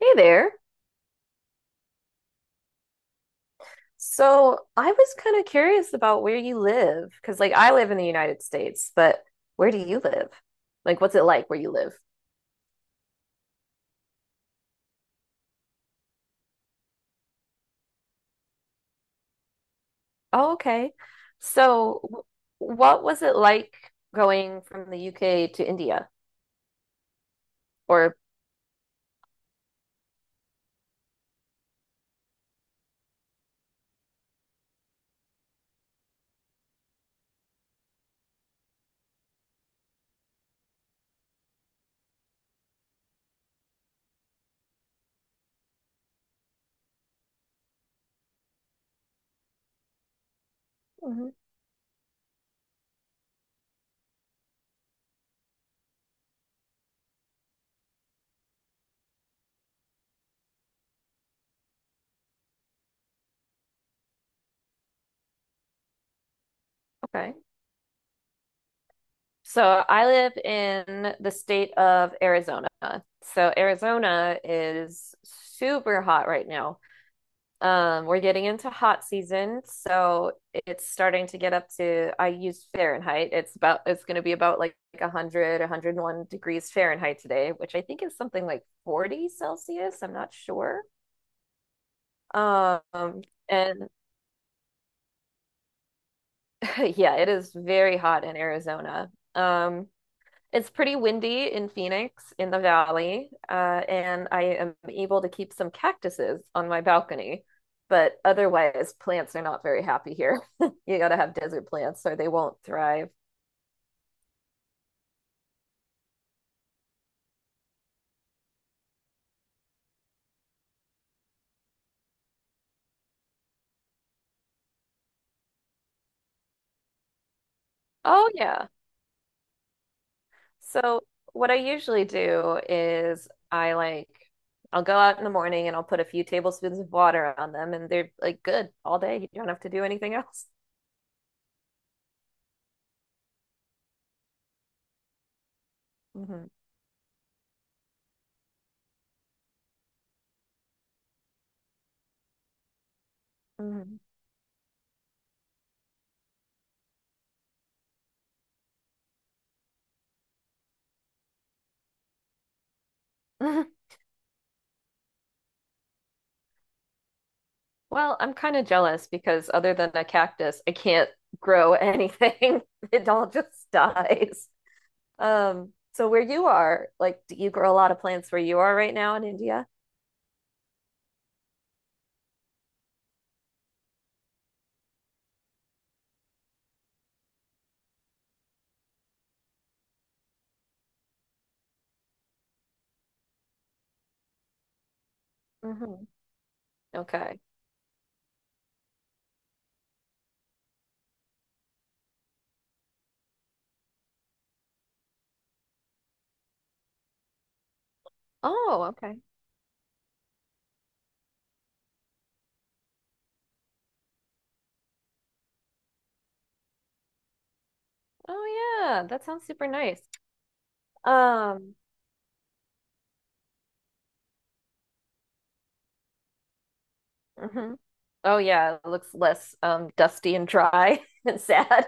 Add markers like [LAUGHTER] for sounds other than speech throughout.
Hey there. So I was kind of curious about where you live, because like I live in the United States, but where do you live? Like, what's it like where you live? Oh, okay. So w- what was it like going from the UK to India? Or, mhm, okay. So I live in the state of Arizona. So Arizona is super hot right now. We're getting into hot season, so it's starting to get up to, I use Fahrenheit. It's going to be about like 100, 101 degrees Fahrenheit today, which I think is something like 40 Celsius. I'm not sure. Um, and [LAUGHS] Yeah, it is very hot in Arizona. It's pretty windy in Phoenix in the valley, and I am able to keep some cactuses on my balcony. But otherwise, plants are not very happy here. [LAUGHS] You gotta have desert plants or they won't thrive. Oh, yeah. So, what I usually do is I'll go out in the morning and I'll put a few tablespoons of water on them, and they're like good all day. You don't have to do anything else. Hmm. Hmm. [LAUGHS] Well, I'm kind of jealous because other than a cactus, I can't grow anything. [LAUGHS] It all just dies. So where you are, like, do you grow a lot of plants where you are right now in India? Hmm. Okay. Oh, okay. Oh yeah, that sounds super nice. Um, mhm. Oh yeah, it looks less dusty and dry [LAUGHS] and sad.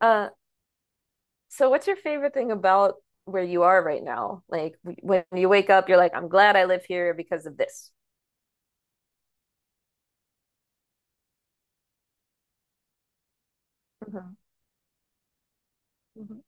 Uh, so what's your favorite thing about where you are right now? Like when you wake up, you're like, I'm glad I live here because of this. Mhm. Mhm.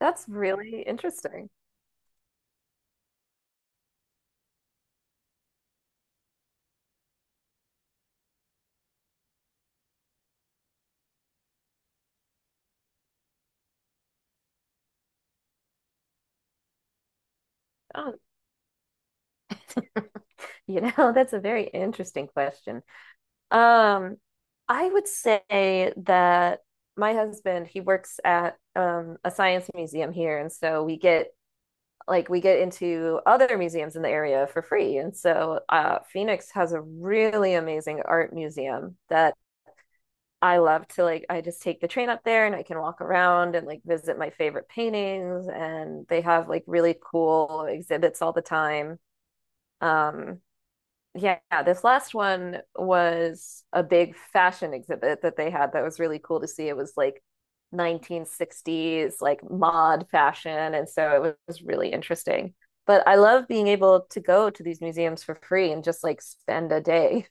That's really interesting. Oh, [LAUGHS] you know, that's a very interesting question. Um, I would say that my husband, he works at a science museum here, and so we get we get into other museums in the area for free. And so Phoenix has a really amazing art museum that I love to like I just take the train up there and I can walk around and like visit my favorite paintings and they have like really cool exhibits all the time. Um, yeah, this last one was a big fashion exhibit that they had that was really cool to see. It was like 1960s, like mod fashion. And so it was really interesting. But I love being able to go to these museums for free and just like spend a day.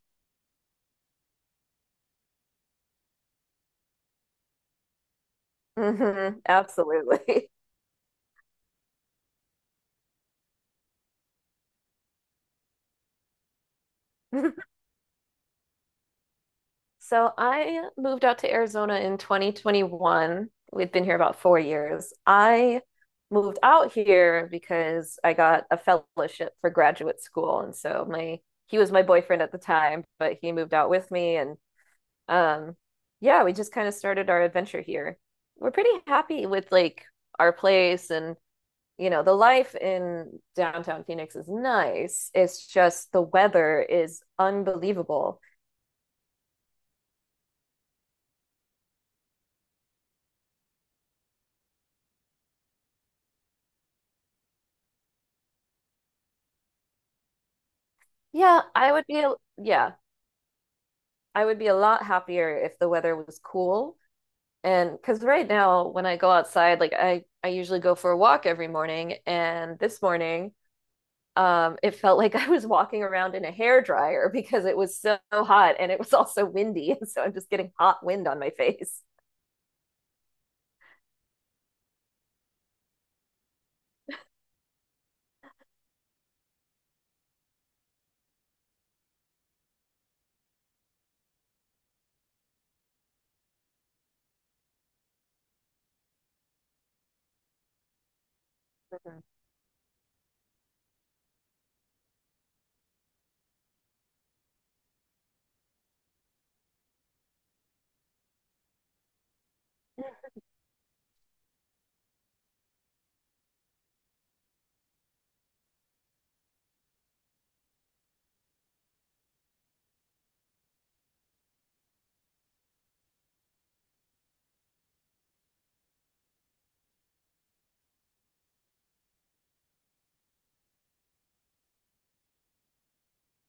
Mhm, absolutely. [LAUGHS] So I moved out to Arizona in 2021. We've been here about 4 years. I moved out here because I got a fellowship for graduate school. And so my he was my boyfriend at the time, but he moved out with me, and um yeah, we just kind of started our adventure here. We're pretty happy with like our place and you know, the life in downtown Phoenix is nice. It's just the weather is unbelievable. Yeah, I would be, yeah. I would be a lot happier if the weather was cool. And because right now, when I go outside, like I usually go for a walk every morning. And this morning, it felt [LAUGHS] like I was walking around in a hair dryer because it was so hot and it was also windy. [LAUGHS] And so I'm just getting hot wind on my face. Mm-hmm.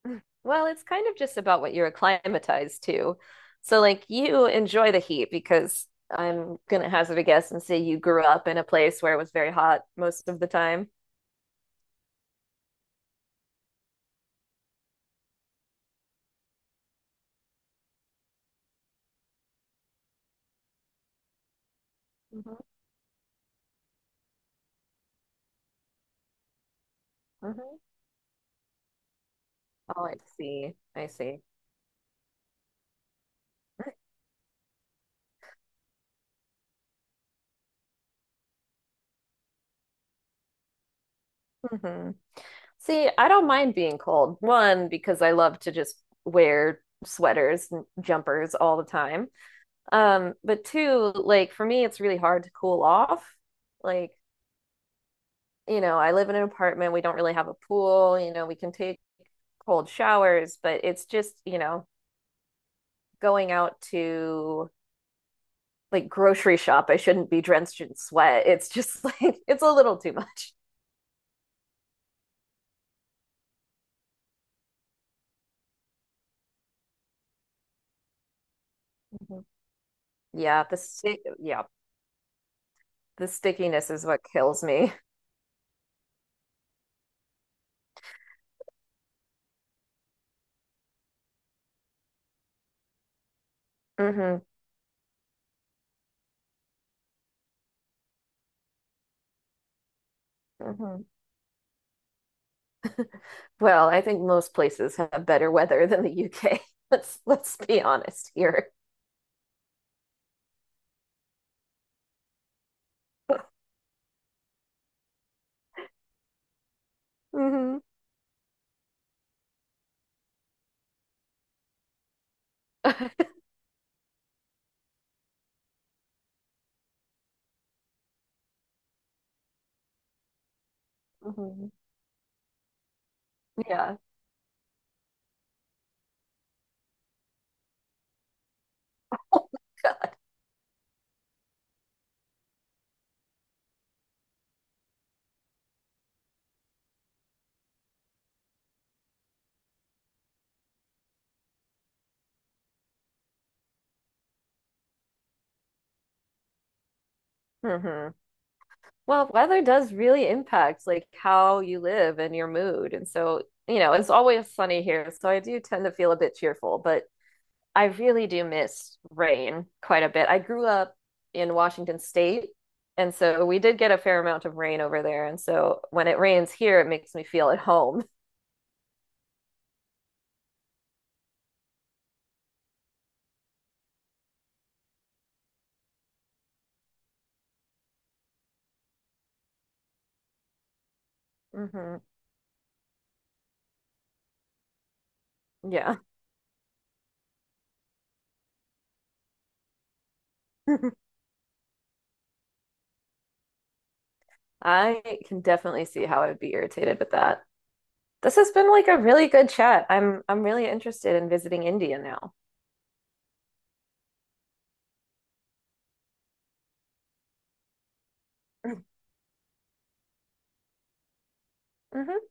[LAUGHS] Well, it's kind of just about what you're acclimatized to. So, like, you enjoy the heat because I'm going to hazard a guess and say you grew up in a place where it was very hot most of the time. Mhm, mhm. Oh, I see. I see. Hmm. See, I don't mind being cold. One, because I love to just wear sweaters and jumpers all the time. But two, like for me, it's really hard to cool off. Like, you know, I live in an apartment. We don't really have a pool. You know, we can take cold showers, but it's just, you know, going out to like grocery shop. I shouldn't be drenched in sweat. It's just [LAUGHS] like, it's a little too much. Mhm. Yeah, the city, yeah, the stickiness is what kills me. Hmm. Hmm. Well, I think most places have better weather [LAUGHS] than the UK. [LAUGHS] Let's be honest here. Hmm. Hmm. [LAUGHS] Yeah. Oh my God. Hmm. Well, weather does really impact like how you live and your mood. And so, you know, it's always sunny here, so I do tend to feel a bit cheerful, but I really do miss rain quite a bit. I grew up in Washington State, and so we did get a fair amount of rain over there. And so when it rains here, it makes me feel at home. Hmm. Yeah. [LAUGHS] I can definitely see how I'd be irritated with that. This has been like a really good chat. I'm really interested in visiting India now. [LAUGHS] Hmm.